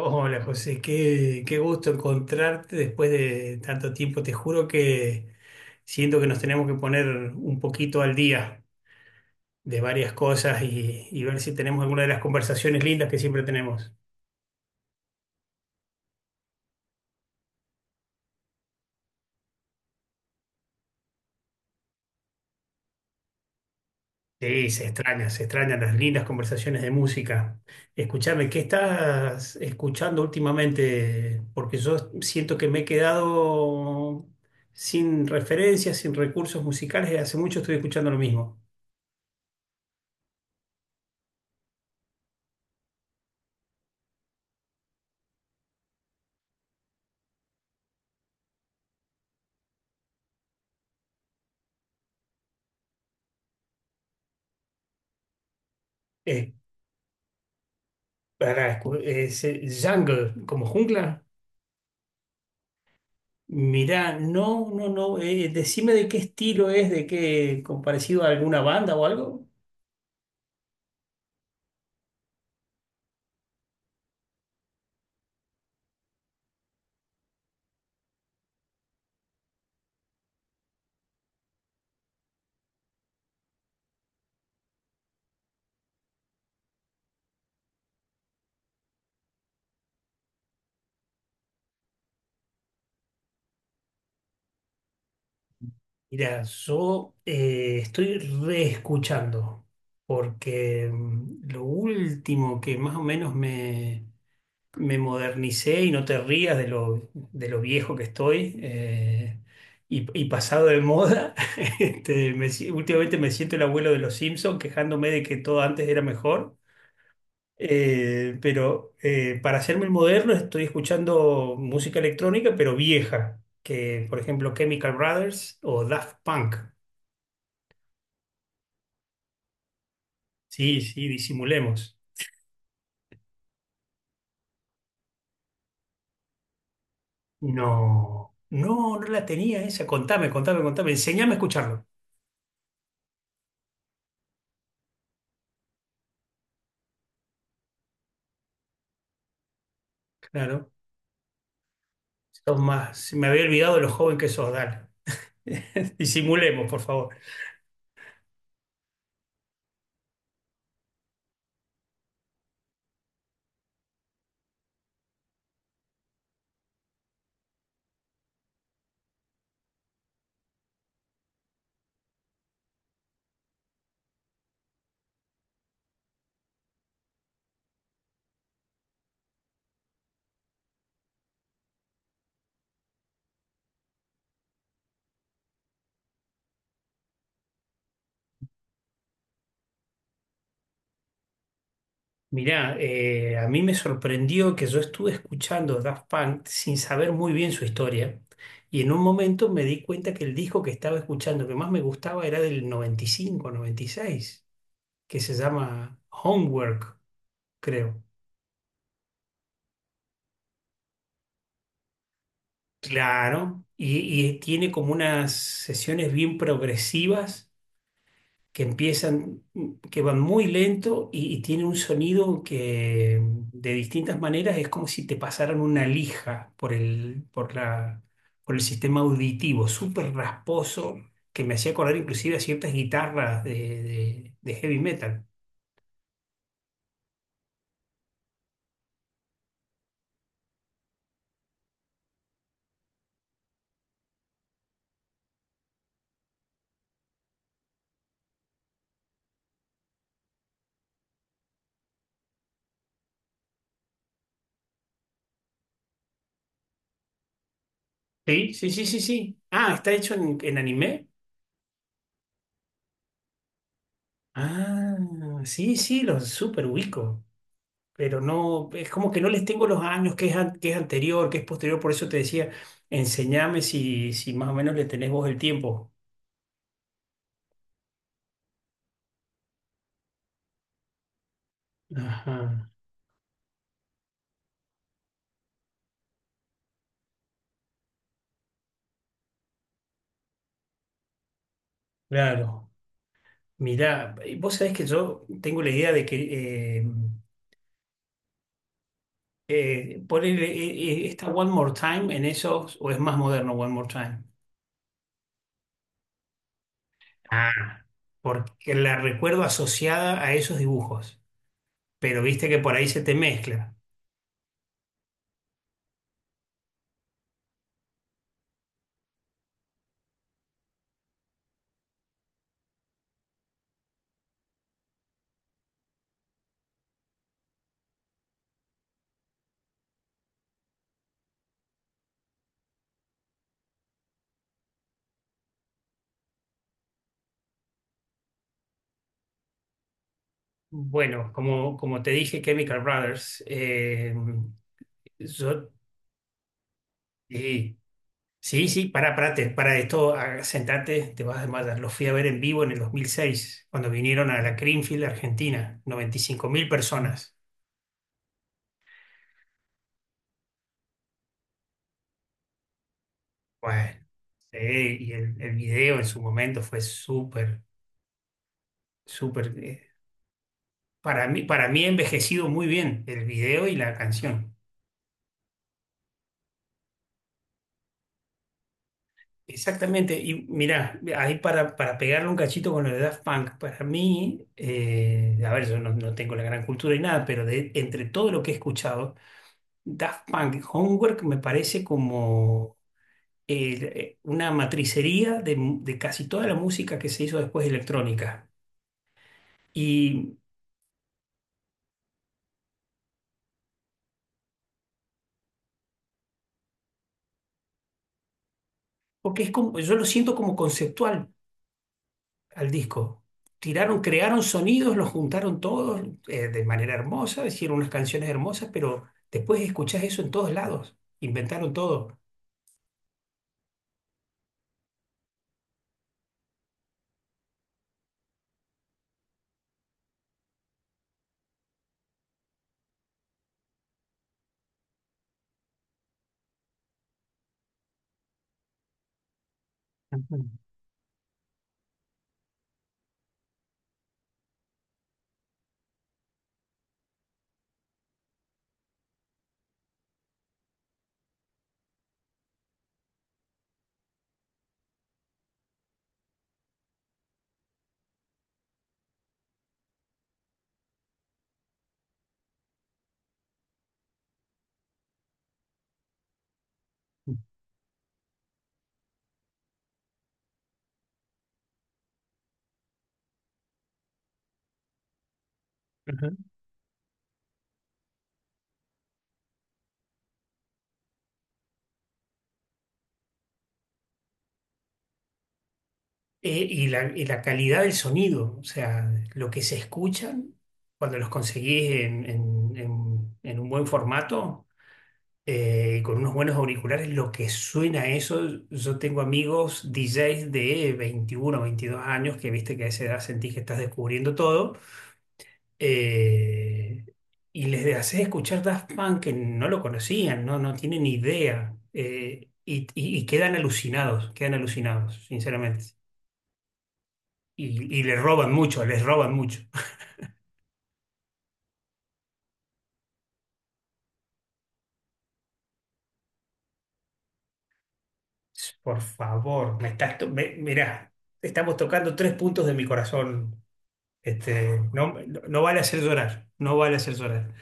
Hola José, qué gusto encontrarte después de tanto tiempo. Te juro que siento que nos tenemos que poner un poquito al día de varias cosas y ver si tenemos alguna de las conversaciones lindas que siempre tenemos. Sí, se extrañan las lindas conversaciones de música. Escúchame, ¿qué estás escuchando últimamente? Porque yo siento que me he quedado sin referencias, sin recursos musicales y hace mucho estoy escuchando lo mismo. Para, jungle, como jungla. Mirá, no, no, no. Decime de qué estilo es, de qué, con parecido a alguna banda o algo. Mira, yo estoy reescuchando, porque lo último que más o menos me modernicé, y no te rías de lo viejo que estoy, y pasado de moda, este, me si- últimamente me siento el abuelo de los Simpsons quejándome de que todo antes era mejor. Para hacerme el moderno estoy escuchando música electrónica, pero vieja, que por ejemplo Chemical Brothers o Daft Punk. Sí, sí, disimulemos. No, no, no la tenía esa. Contame, contame, contame. Enseñame a escucharlo. Claro, sos más. Me había olvidado de lo joven que sos, dale. Disimulemos, por favor. Mirá, a mí me sorprendió que yo estuve escuchando Daft Punk sin saber muy bien su historia y en un momento me di cuenta que el disco que estaba escuchando que más me gustaba era del 1995, 1996 que se llama Homework, creo. Claro, y tiene como unas sesiones bien progresivas que empiezan, que van muy lento y tienen un sonido que de distintas maneras es como si te pasaran una lija por el, por la, por el sistema auditivo, súper rasposo, que me hacía acordar inclusive a ciertas guitarras de, de heavy metal. Sí, sí, sí, sí, sí. Ah, está hecho en anime. Ah, sí, sí, los súper pero no, es como que no les tengo los años, que es, qué es anterior, que es posterior, por eso te decía, enséñame si, si más o menos le tenés vos el tiempo. Ajá, claro. Mirá, vos sabés que yo tengo la idea de que poner esta One More Time en esos, o es más moderno One More Time. Ah, porque la recuerdo asociada a esos dibujos, pero viste que por ahí se te mezcla. Bueno, como, como te dije, Chemical Brothers, yo sí, sí, sí, para, para esto, ah, sentate, te vas a desmayar. Los fui a ver en vivo en el 2006 cuando vinieron a la Creamfield, Argentina, 95.000 personas. Bueno, sí, y el video en su momento fue súper, súper, para mí ha envejecido muy bien el video y la canción. Exactamente, y mirá, ahí para pegarle un cachito con lo de Daft Punk, para mí, a ver, yo no, no tengo la gran cultura y nada, pero de, entre todo lo que he escuchado, Daft Punk Homework me parece como una matricería de, de casi toda la música que se hizo después electrónica. Y porque es como, yo lo siento como conceptual al disco. Tiraron, crearon sonidos, los juntaron todos de manera hermosa, hicieron unas canciones hermosas, pero después escuchás eso en todos lados. Inventaron todo. Ujú. Y la, y la calidad del sonido, o sea, lo que se escuchan cuando los conseguís en, en un buen formato y con unos buenos auriculares, lo que suena eso, yo tengo amigos DJs de 21, 22 años que viste que a esa edad sentís que estás descubriendo todo eh, y les haces escuchar Daft Punk que no lo conocían, no, no tienen idea y quedan alucinados, sinceramente y le roban mucho, les roban mucho. Por favor, me estás to- me- mirá, estamos tocando tres puntos de mi corazón. Este, no, no vale hacer llorar, no vale hacer llorar.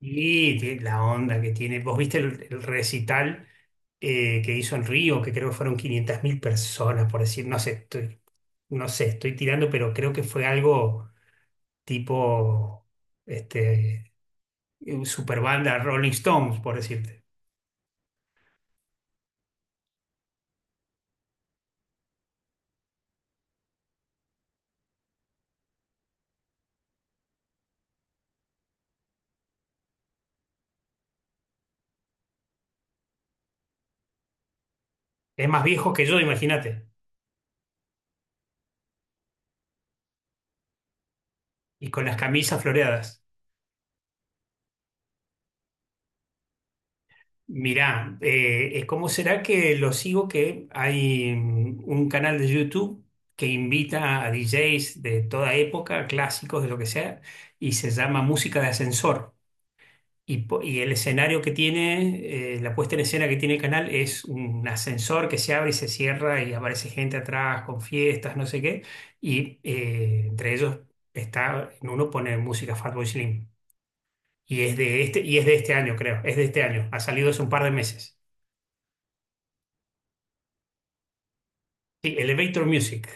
Y tiene la onda que tiene. ¿Vos viste el recital que hizo en Río, que creo que fueron 500.000 personas, por decir, no sé, estoy, no sé, estoy tirando, pero creo que fue algo tipo este, super banda Rolling Stones, por decirte. Es más viejo que yo, imagínate. Y con las camisas floreadas. Mirá, ¿cómo será que lo sigo? Que hay un canal de YouTube que invita a DJs de toda época, clásicos de lo que sea, y se llama Música de Ascensor. Y, y el escenario que tiene, la puesta en escena que tiene el canal es un ascensor que se abre y se cierra y aparece gente atrás con fiestas, no sé qué. Y entre ellos está, en uno pone música Fatboy Slim. Y es de este, y es de este año, creo. Es de este año. Ha salido hace un par de meses. Sí, Elevator Music.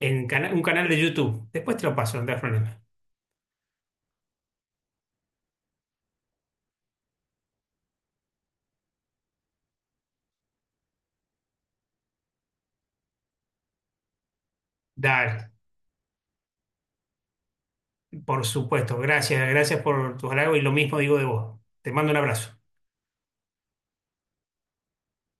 Un canal de YouTube. Después te lo paso, no te das problema. Dale, por supuesto. Gracias, gracias por tus halagos y lo mismo digo de vos. Te mando un abrazo.